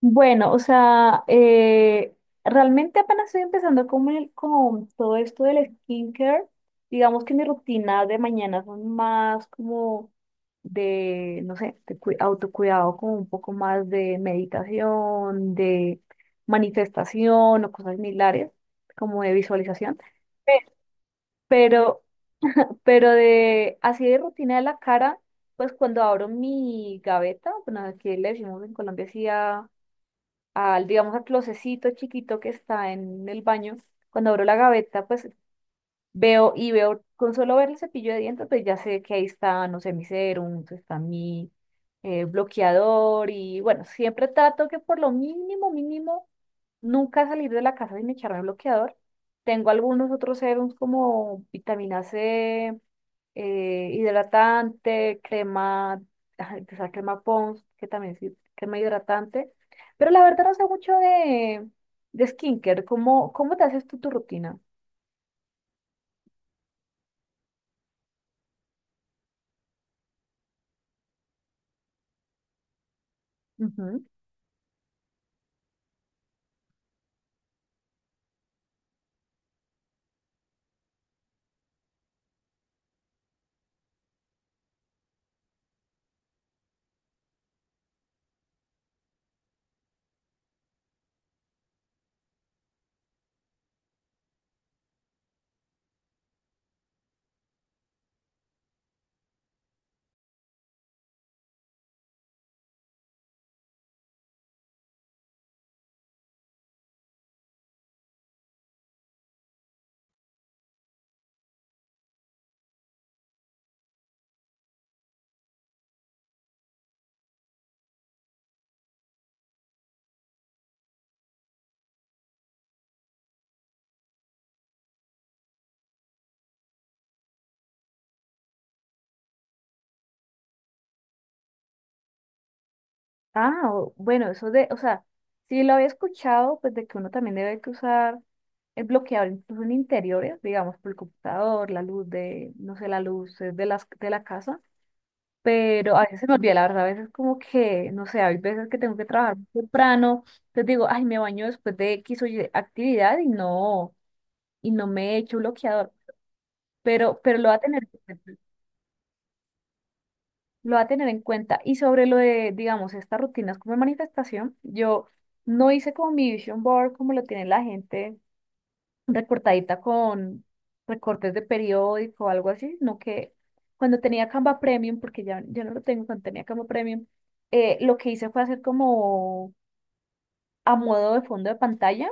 Bueno, o sea, realmente apenas estoy empezando con todo esto del skincare. Digamos que mi rutina de mañana son más como de, no sé, autocuidado, como un poco más de meditación, de manifestación o cosas similares, como de visualización. Pe- Pero, pero de así de rutina de la cara, pues cuando abro mi gaveta, bueno, aquí le decimos en Colombia así al, digamos, al closecito chiquito que está en el baño, cuando abro la gaveta, pues veo y veo, con solo ver el cepillo de dientes, pues ya sé que ahí está, no sé, mi serum, está mi bloqueador y bueno, siempre trato que por lo mínimo, mínimo, nunca salir de la casa sin echarme bloqueador. Tengo algunos otros serums como vitamina C, hidratante, crema, ay, o sea, crema Pons, que también sí, crema hidratante. Pero la verdad no sé mucho de skincare. ¿Cómo, cómo te haces tú tu rutina? Ujú. Ah, bueno, eso de, o sea, sí lo había escuchado, pues de que uno también debe que usar el bloqueador incluso en interiores, digamos, por el computador, la luz de, no sé, la luz de las, de la casa. Pero a veces se me olvida, la verdad, a veces como que, no sé, hay veces que tengo que trabajar muy temprano, entonces digo, ay, me baño después de X o Y actividad y no me echo bloqueador, pero lo va a tener en cuenta, lo va a tener en cuenta. Y sobre lo de, digamos, estas rutinas como de manifestación, yo no hice como mi vision board como lo tiene la gente recortadita con recortes de periódico o algo así, sino que cuando tenía Canva Premium, porque ya no lo tengo, cuando tenía Canva Premium, lo que hice fue hacer como a modo de fondo de pantalla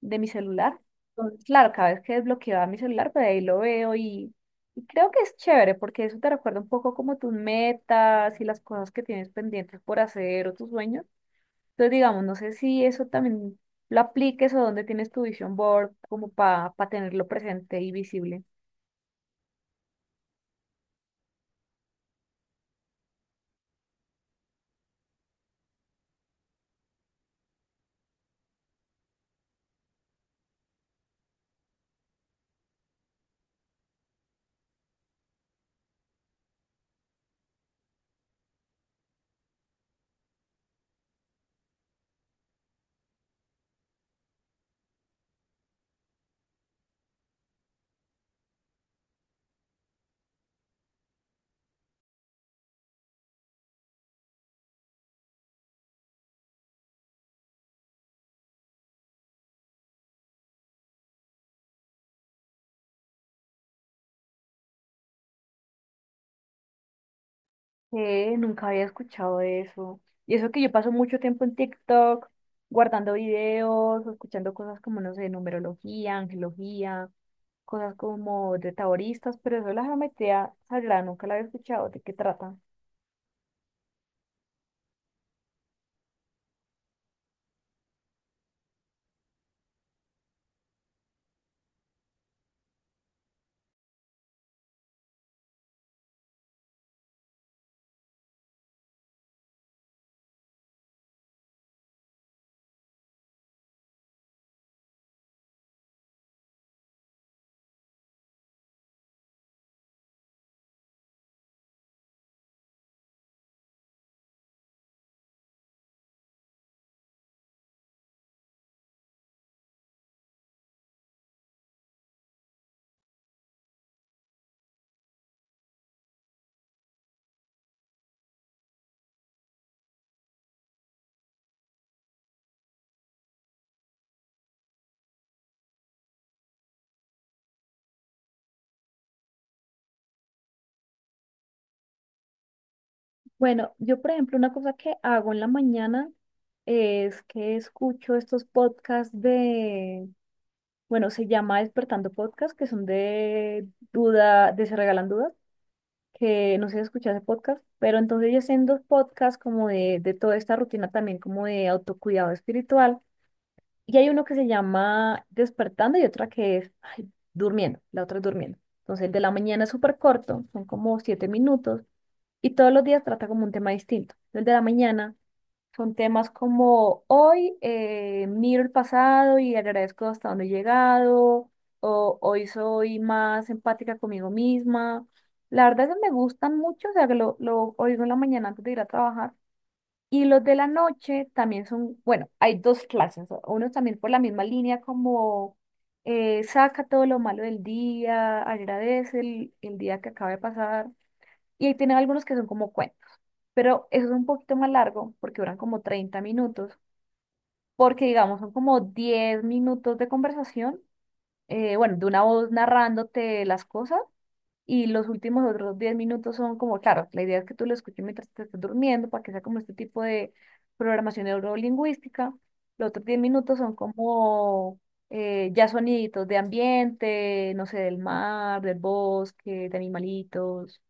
de mi celular. Entonces, claro, cada vez que desbloqueaba mi celular, pues ahí lo veo y creo que es chévere porque eso te recuerda un poco como tus metas y las cosas que tienes pendientes por hacer o tus sueños. Entonces, digamos, no sé si eso también lo apliques o dónde tienes tu vision board como para tenerlo presente y visible. Nunca había escuchado de eso. Y eso que yo paso mucho tiempo en TikTok, guardando videos, o escuchando cosas como, no sé, numerología, angelología, cosas como de taoristas, pero eso de la geometría sagrada nunca la había escuchado. ¿De qué trata? Bueno, yo, por ejemplo, una cosa que hago en la mañana es que escucho estos podcasts de bueno, se llama Despertando Podcast, que son de duda, de Se Regalan Dudas, que no sé si escuchaste podcast, pero entonces ellos hacen dos podcasts como de toda esta rutina también como de autocuidado espiritual. Y hay uno que se llama Despertando y otra que es ay, Durmiendo, la otra es Durmiendo. Entonces el de la mañana es súper corto, son como 7 minutos y todos los días trata como un tema distinto. El de la mañana son temas como hoy miro el pasado y agradezco hasta dónde he llegado, o hoy soy más empática conmigo misma. La verdad es que me gustan mucho, o sea, que lo oigo en la mañana antes de ir a trabajar. Y los de la noche también son, bueno, hay dos clases, unos también por la misma línea como saca todo lo malo del día, agradece el día que acaba de pasar. Y ahí tienen algunos que son como cuentos, pero eso es un poquito más largo porque duran como 30 minutos porque digamos son como 10 minutos de conversación, bueno, de una voz narrándote las cosas y los últimos otros 10 minutos son como, claro, la idea es que tú lo escuches mientras te estés durmiendo para que sea como este tipo de programación neurolingüística. Los otros 10 minutos son como ya soniditos de ambiente, no sé, del mar, del bosque, de animalitos.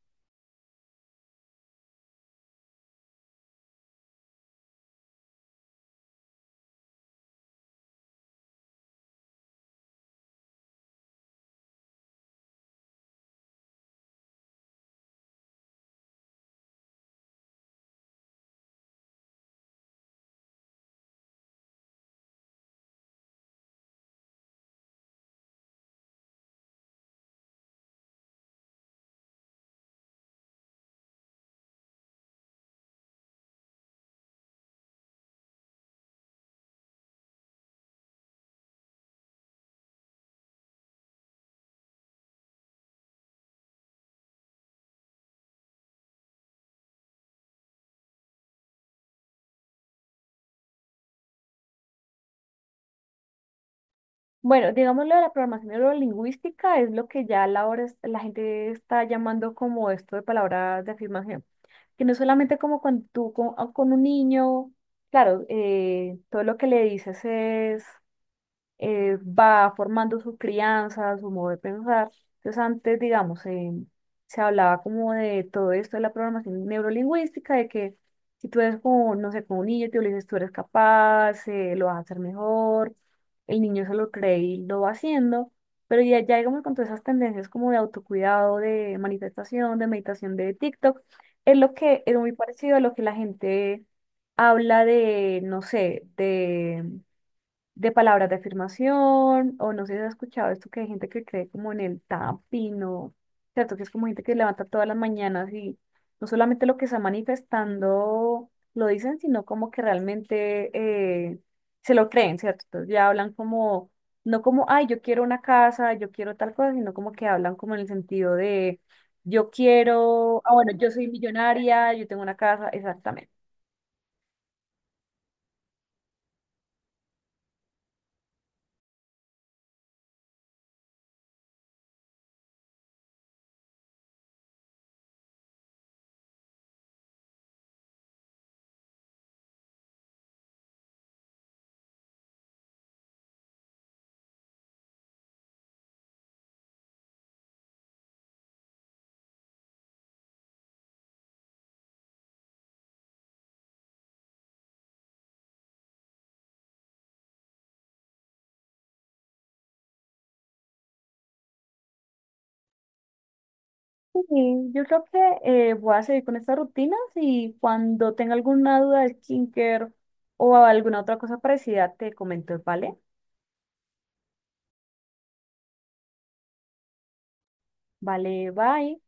Bueno, digamos lo de la programación neurolingüística es lo que ya a la hora la gente está llamando como esto de palabras de afirmación. Que no solamente como con tú, con, o con un niño, claro, todo lo que le dices es va formando su crianza, su modo de pensar. Entonces antes, digamos, se hablaba como de todo esto de la programación neurolingüística, de que si tú eres como, no sé, como un niño, tú le dices, tú eres capaz, lo vas a hacer mejor, el niño se lo cree y lo va haciendo, pero ya digamos con todas esas tendencias como de autocuidado, de manifestación, de meditación de TikTok, es lo que es muy parecido a lo que la gente habla de, no sé, de palabras de afirmación, o no sé si has escuchado esto que hay gente que cree como en el tapping, o cierto, que es como gente que levanta todas las mañanas y no solamente lo que está manifestando lo dicen, sino como que realmente eh, se lo creen, ¿cierto? Entonces ya hablan como, no como, ay, yo quiero una casa, yo quiero tal cosa, sino como que hablan como en el sentido de, yo quiero, ah, bueno, yo soy millonaria, yo tengo una casa, exactamente. Sí, yo creo que voy a seguir con estas rutinas y cuando tenga alguna duda de skincare o alguna otra cosa parecida te comento, ¿vale? Vale, bye.